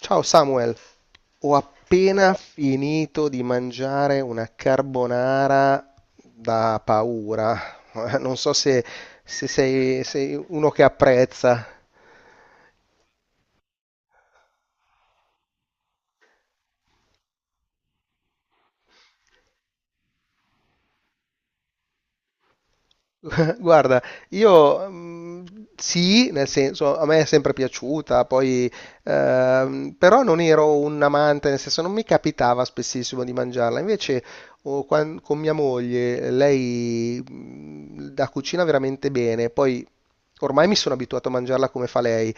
Ciao Samuel, ho appena finito di mangiare una carbonara da paura. Non so se sei uno che apprezza. Guarda, io sì, nel senso, a me è sempre piaciuta, poi, però non ero un amante, nel senso, non mi capitava spessissimo di mangiarla. Invece, oh, con mia moglie, lei la cucina veramente bene, poi ormai mi sono abituato a mangiarla come fa lei.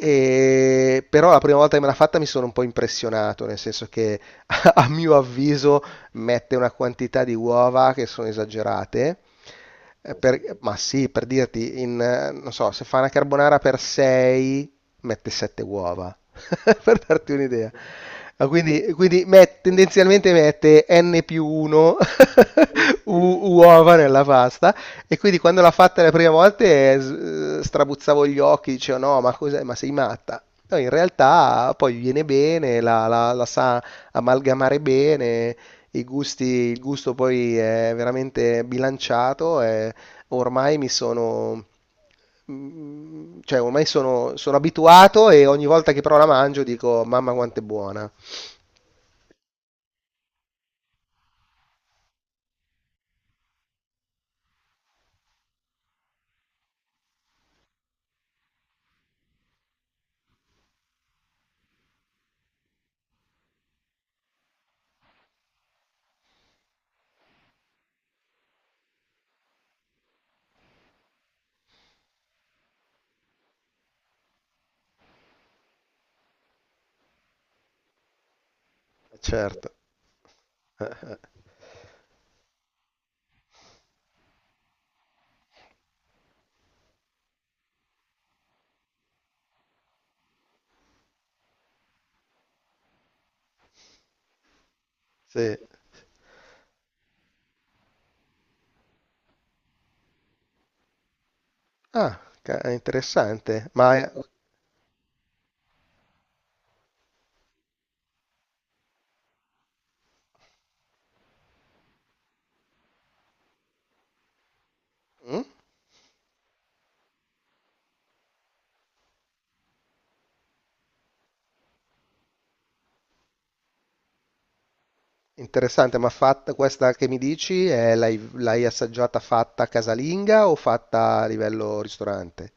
Però la prima volta che me l'ha fatta mi sono un po' impressionato, nel senso che a mio avviso mette una quantità di uova che sono esagerate, ma sì, per dirti, non so, se fa una carbonara per 6, mette 7 uova, per darti un'idea. Ah, quindi, tendenzialmente mette n più 1 uova nella pasta e quindi quando l'ha fatta le prime volte strabuzzavo gli occhi, dicevo no, ma cos'è? Ma sei matta? No, in realtà poi viene bene, la sa amalgamare bene i gusti, il gusto poi è veramente bilanciato e ormai mi sono, cioè ormai sono abituato e ogni volta che però la mangio dico, mamma quanto è buona. Certo, sì. Ah, è interessante. Mm? Interessante, ma fatta questa che mi dici, l'hai assaggiata fatta casalinga o fatta a livello ristorante?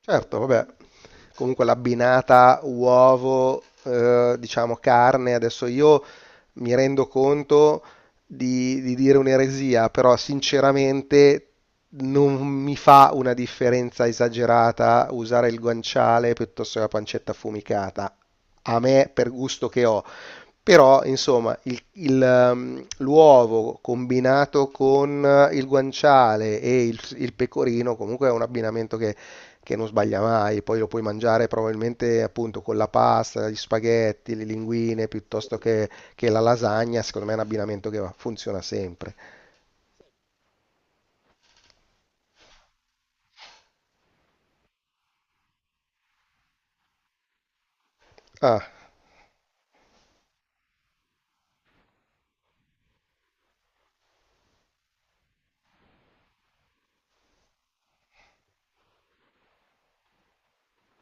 Certo, vabbè. Comunque l'abbinata uovo, diciamo carne, adesso io mi rendo conto di dire un'eresia, però sinceramente non mi fa una differenza esagerata usare il guanciale piuttosto che la pancetta affumicata, a me per gusto che ho. Però, insomma, l'uovo combinato con il guanciale e il pecorino comunque è un abbinamento che non sbaglia mai, poi lo puoi mangiare probabilmente appunto con la pasta, gli spaghetti, le linguine piuttosto che la lasagna, secondo me è un abbinamento che funziona sempre. Ah,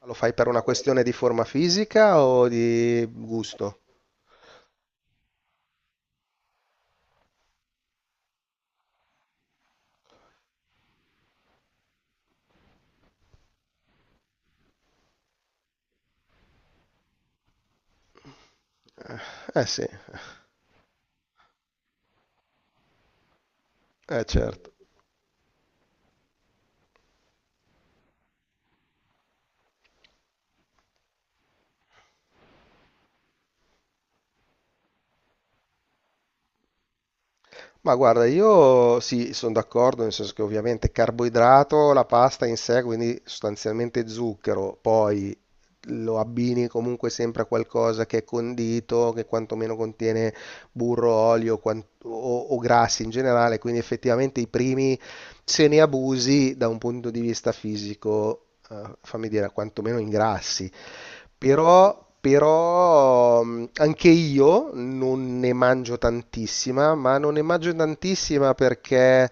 lo fai per una questione di forma fisica o di gusto? Eh sì, eh certo. Ma guarda, io sì, sono d'accordo, nel senso che ovviamente carboidrato, la pasta in sé, quindi sostanzialmente zucchero, poi lo abbini comunque sempre a qualcosa che è condito, che quantomeno contiene burro, olio o grassi in generale, quindi effettivamente i primi, se ne abusi da un punto di vista fisico, fammi dire, quantomeno ingrassi. Però, anche io non ne mangio tantissima, ma non ne mangio tantissima perché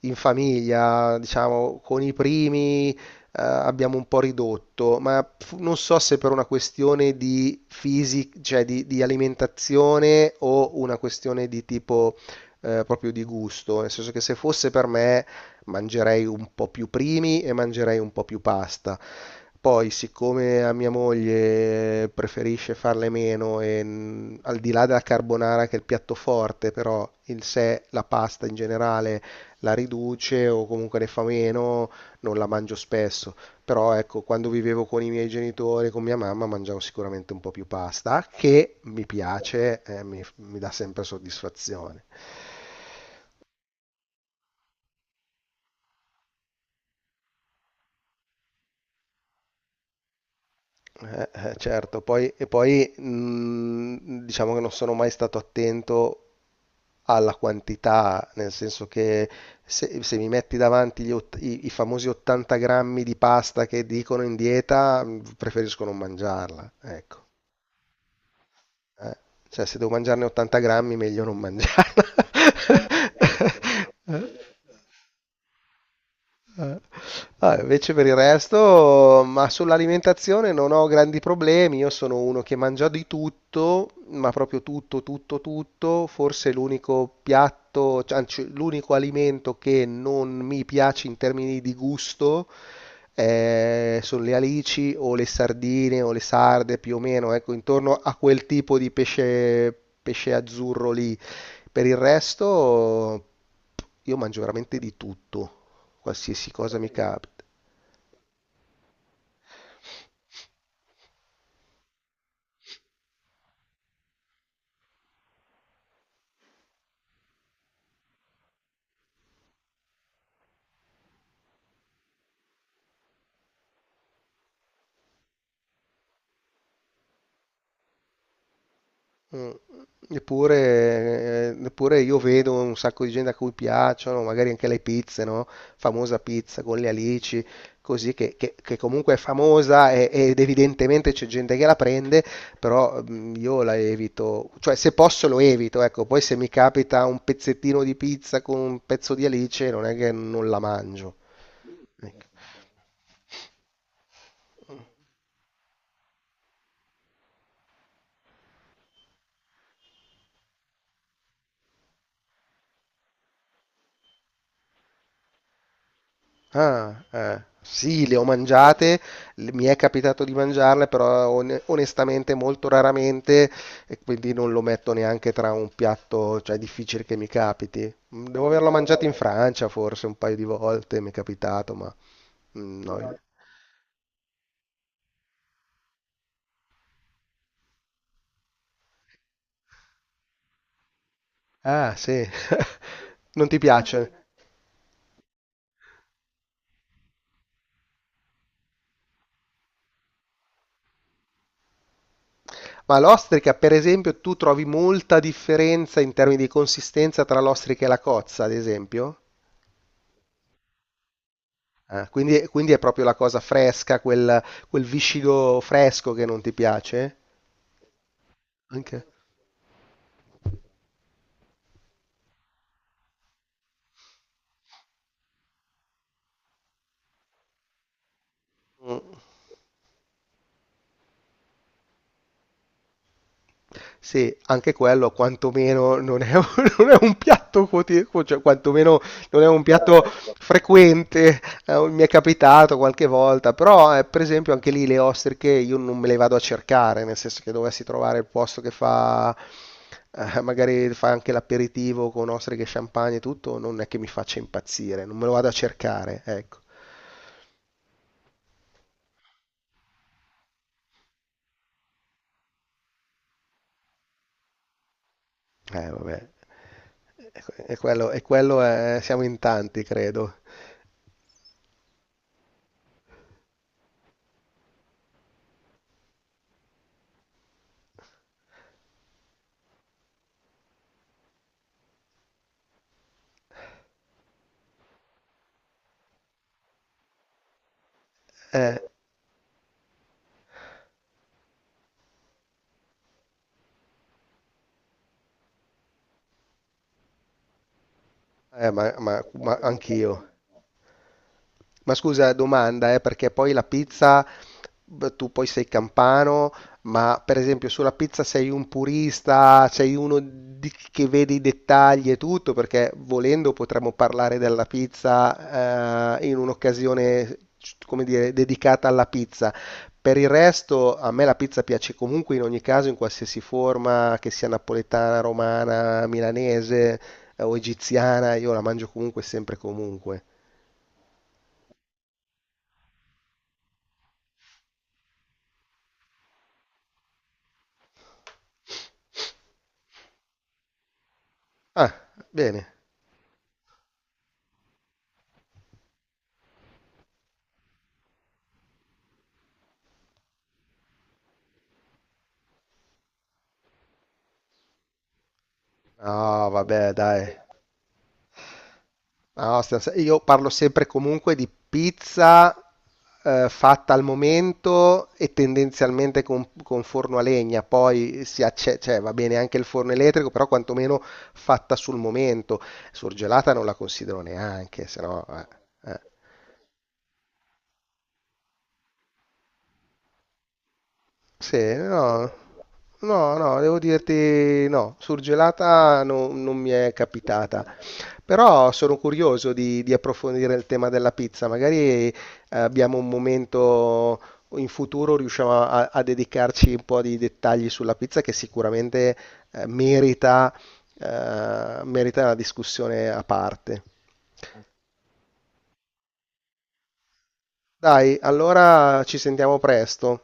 in famiglia, diciamo, con i primi, abbiamo un po' ridotto, ma non so se per una questione di fisica, cioè di alimentazione o una questione di tipo proprio di gusto, nel senso che se fosse per me mangerei un po' più primi e mangerei un po' più pasta. Poi, siccome a mia moglie preferisce farle meno e al di là della carbonara che è il piatto forte, però in sé la pasta in generale la riduce o comunque ne fa meno, non la mangio spesso. Però ecco, quando vivevo con i miei genitori, con mia mamma, mangiavo sicuramente un po' più pasta, che mi piace, mi dà sempre soddisfazione. Eh, certo, poi, e poi diciamo che non sono mai stato attento alla quantità, nel senso che se mi metti davanti gli i famosi 80 grammi di pasta che dicono in dieta, preferisco non mangiarla, ecco. Eh, Cioè, se devo mangiarne 80 grammi, meglio non mangiarla. Eh. Eh. Ah, invece per il resto, ma sull'alimentazione non ho grandi problemi. Io sono uno che mangia di tutto, ma proprio tutto, tutto, tutto. Forse l'unico piatto, cioè, anzi, l'unico alimento che non mi piace in termini di gusto, sono le alici o le sardine o le sarde, più o meno, ecco, intorno a quel tipo di pesce, pesce azzurro lì. Per il resto, io mangio veramente di tutto, qualsiasi cosa mi capita. Mm, eppure, io vedo un sacco di gente a cui piacciono, magari anche le pizze, no? Famosa pizza con le alici, così che comunque è famosa ed evidentemente c'è gente che la prende, però io la evito, cioè se posso lo evito, ecco, poi se mi capita un pezzettino di pizza con un pezzo di alice non è che non la mangio. Ah, Sì, le ho mangiate, mi è capitato di mangiarle, però onestamente molto raramente e quindi non lo metto neanche tra un piatto, cioè è difficile che mi capiti. Devo averlo mangiato in Francia forse un paio di volte, mi è capitato, ma no. Ah, sì. Non ti piace? Ma l'ostrica, per esempio, tu trovi molta differenza in termini di consistenza tra l'ostrica e la cozza, ad esempio? Ah, quindi è proprio la cosa fresca, quel viscido fresco che non ti piace? Anche, Mm. Sì, anche quello quantomeno non è, un non è un piatto quotidiano, cioè quantomeno non è un piatto frequente, mi è capitato qualche volta, però per esempio anche lì le ostriche io non me le vado a cercare, nel senso che dovessi trovare il posto che fa, magari fa anche l'aperitivo con ostriche, champagne e tutto, non è che mi faccia impazzire, non me lo vado a cercare, ecco. Vabbè, e quello, siamo in tanti, credo. Eh, ma anch'io. Ma scusa, domanda, perché poi la pizza, beh, tu poi sei campano, ma per esempio sulla pizza sei un purista, sei uno che vede i dettagli e tutto, perché volendo potremmo parlare della pizza, in un'occasione, come dire, dedicata alla pizza. Per il resto, a me la pizza piace comunque in ogni caso, in qualsiasi forma, che sia napoletana, romana, milanese. O egiziana, io la mangio comunque e sempre e comunque. Ah, bene. No, vabbè, dai. No, stiamo se- io parlo sempre e comunque di pizza, fatta al momento e tendenzialmente con forno a legna. Poi cioè, va bene anche il forno elettrico, però quantomeno fatta sul momento. Surgelata non la considero neanche, se noeh. Sì, no. No, no, devo dirti no, surgelata non mi è capitata. Però sono curioso di approfondire il tema della pizza. Magari abbiamo un momento in futuro, riusciamo a dedicarci un po' di dettagli sulla pizza che sicuramente eh, merita, merita una discussione a parte. Dai, allora ci sentiamo presto.